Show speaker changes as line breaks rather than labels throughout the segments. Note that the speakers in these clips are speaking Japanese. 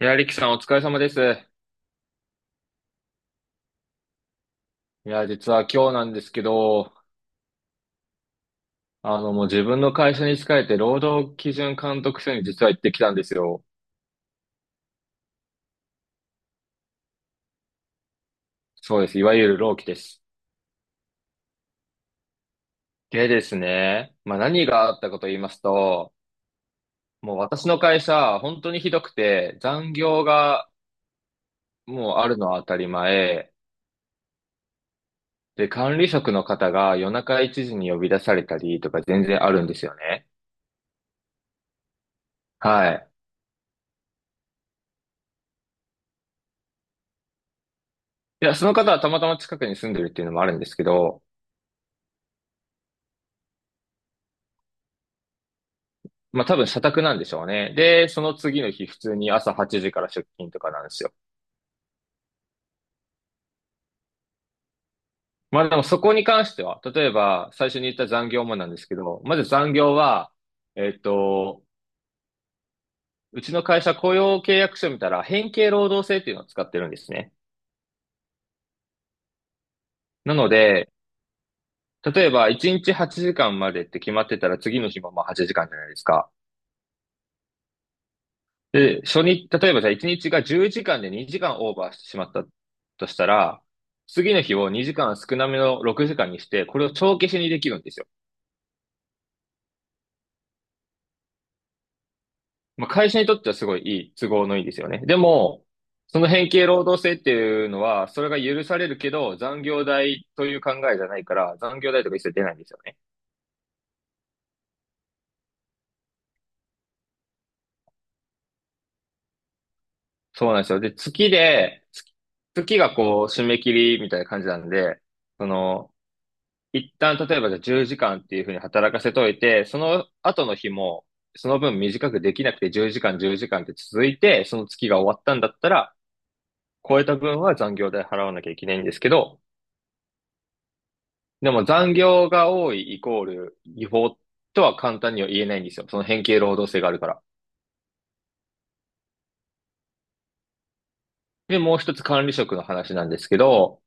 いや、リキさんお疲れ様です。いや、実は今日なんですけど、もう自分の会社に仕えて労働基準監督署に実は行ってきたんですよ。そうです。いわゆる労基です。でですね、まあ何があったかと言いますと、もう私の会社、本当にひどくて、残業がもうあるのは当たり前。で、管理職の方が夜中1時に呼び出されたりとか全然あるんですよね。はい。いや、その方はたまたま近くに住んでるっていうのもあるんですけど、まあ多分社宅なんでしょうね。で、その次の日普通に朝8時から出勤とかなんですよ。まあでもそこに関しては、例えば最初に言った残業もなんですけど、まず残業は、えっと、うちの会社雇用契約書見たら変形労働制っていうのを使ってるんですね。なので、例えば1日8時間までって決まってたら次の日もまあ8時間じゃないですか。で、初日、例えばじゃあ1日が10時間で2時間オーバーしてしまったとしたら、次の日を2時間少なめの6時間にして、これを帳消しにできるんですよ。まあ、会社にとってはすごいいい、都合のいいですよね。でも、その変形労働制っていうのは、それが許されるけど、残業代という考えじゃないから、残業代とか一切出ないんですよね。そうなんですよ。で、月がこう、締め切りみたいな感じなんで、その、一旦、例えばじゃあ10時間っていうふうに働かせといて、その後の日も、その分短くできなくて10時間って続いて、その月が終わったんだったら、超えた分は残業代払わなきゃいけないんですけど、でも残業が多いイコール違法とは簡単には言えないんですよ。その変形労働性があるから。で、もう一つ管理職の話なんですけど、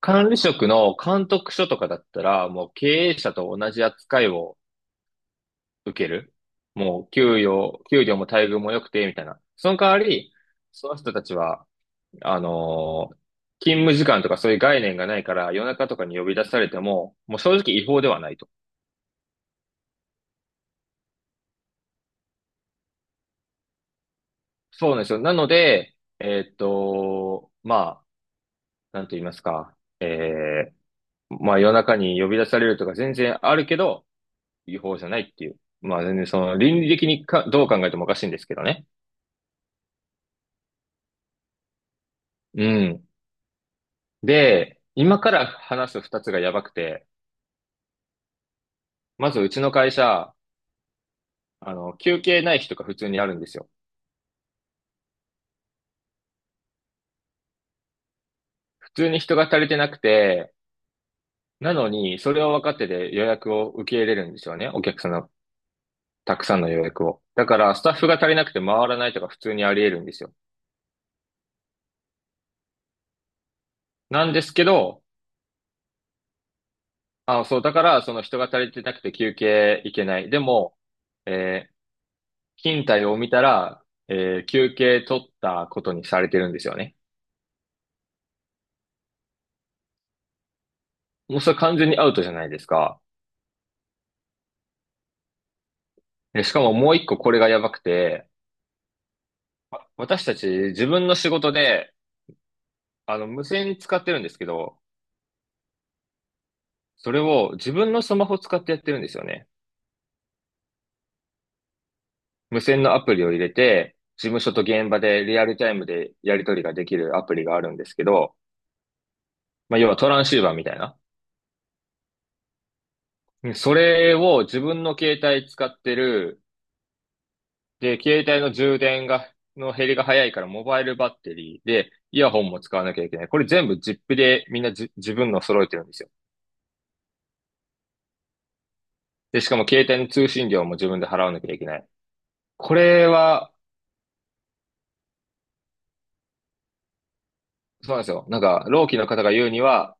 管理職の監督署とかだったら、もう経営者と同じ扱いを受ける。もう、給料も待遇も良くて、みたいな。その代わり、その人たちは、あのー勤務時間とかそういう概念がないから、夜中とかに呼び出されても、もう正直違法ではないと。そうなんですよ。なので、まあ、なんと言いますか、まあ夜中に呼び出されるとか全然あるけど、違法じゃないっていう。まあ全然その倫理的にか、どう考えてもおかしいんですけどね。うん。で、今から話す二つがやばくて、まずうちの会社、休憩ない日とか普通にあるんですよ。普通に人が足りてなくて、なのに、それを分かってで予約を受け入れるんですよね。お客さんのたくさんの予約を。だから、スタッフが足りなくて回らないとか普通にあり得るんですよ。なんですけど、あ、そう、だから、その人が足りてなくて休憩いけない。でも、えー勤怠を見たら、休憩取ったことにされてるんですよね。もうそれ完全にアウトじゃないですか。でしかももう一個これがやばくて、私たち自分の仕事で、無線使ってるんですけど、それを自分のスマホ使ってやってるんですよね。無線のアプリを入れて、事務所と現場でリアルタイムでやり取りができるアプリがあるんですけど、まあ、要はトランシーバーみたいな。それを自分の携帯使ってる。で、携帯の減りが早いからモバイルバッテリーで、イヤホンも使わなきゃいけない。これ全部ジップでみんな自分の揃えてるんですよ。で、しかも携帯の通信料も自分で払わなきゃいけない。これは、そうなんですよ。なんか、労基の方が言うには、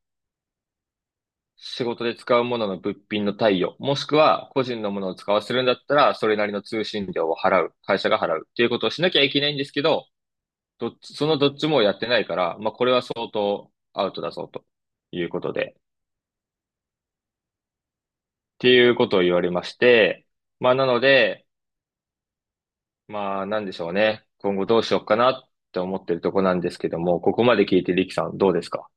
仕事で使うものの物品の貸与、もしくは個人のものを使わせるんだったら、それなりの通信料を払う、会社が払うっていうことをしなきゃいけないんですけど、どっち、そのどっちもやってないから、まあ、これは相当アウトだぞ、ということで、っていうことを言われまして、まあ、なので、まあ、なんでしょうね。今後どうしようかなって思ってるとこなんですけども、ここまで聞いてリキさんどうですか？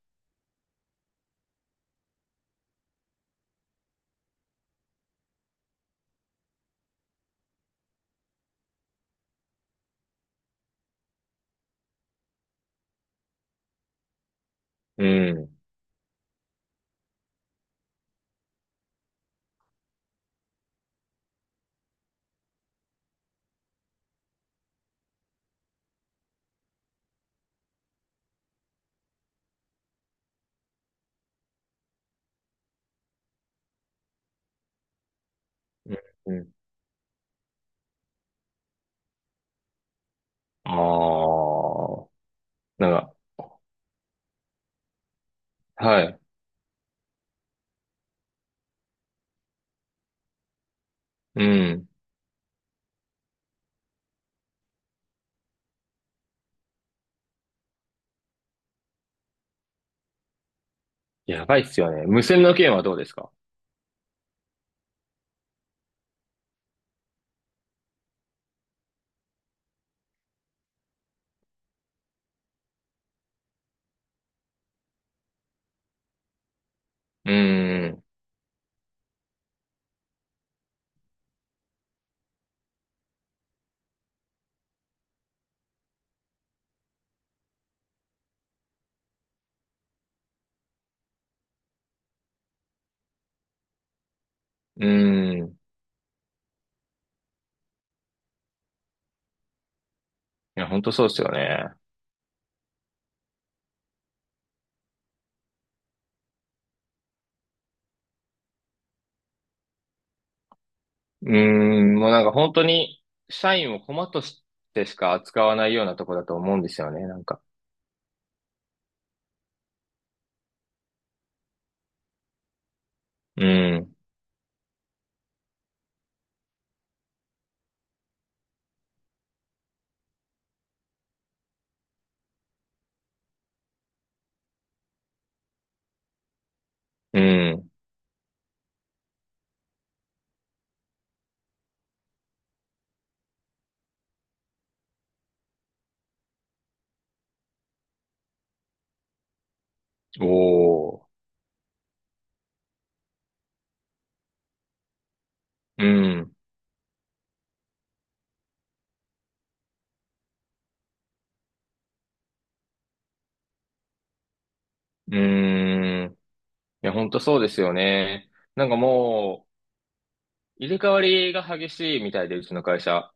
うん。うん。うん。ああ。なんか、はい。うん。やばいっすよね。無線の件はどうですか？うーん。うーん。いや、本当そうですよね。うーん。もうなんか本当に、社員を駒としてしか扱わないようなとこだと思うんですよね、なんか。うん。うん。おー。うん。うーん。いや、本当そうですよね。なんかもう、入れ替わりが激しいみたいで、うちの会社。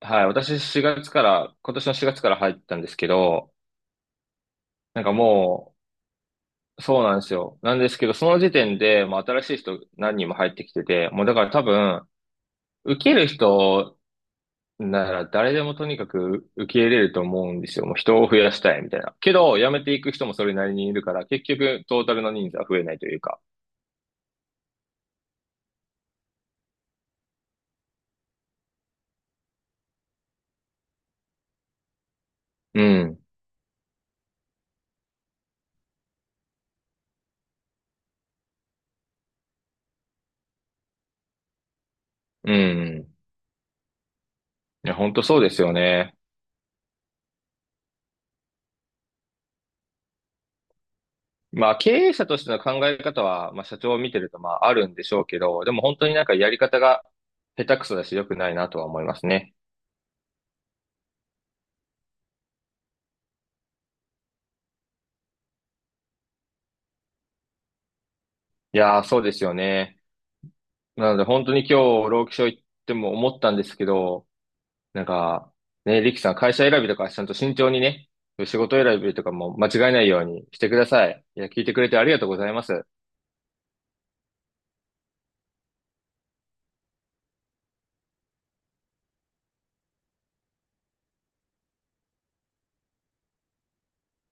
はい。私4月から、今年の4月から入ったんですけど、なんかもう、そうなんですよ。なんですけど、その時点で、まあ、新しい人何人も入ってきてて、もうだから多分、受ける人なら誰でもとにかく受け入れると思うんですよ。もう人を増やしたいみたいな。けど、辞めていく人もそれなりにいるから、結局、トータルの人数は増えないというか。うん。うん。いや、本当そうですよね。まあ、経営者としての考え方は、まあ、社長を見てると、まあ、あるんでしょうけど、でも本当になんかやり方が下手くそだし、良くないなとは思いますね。いやー、そうですよね。なので本当に今日、労基署行っても思ったんですけど、なんか、ね、リキさん会社選びとかちゃんと慎重にね、仕事選びとかも間違えないようにしてください。いや、聞いてくれてありがとうございます。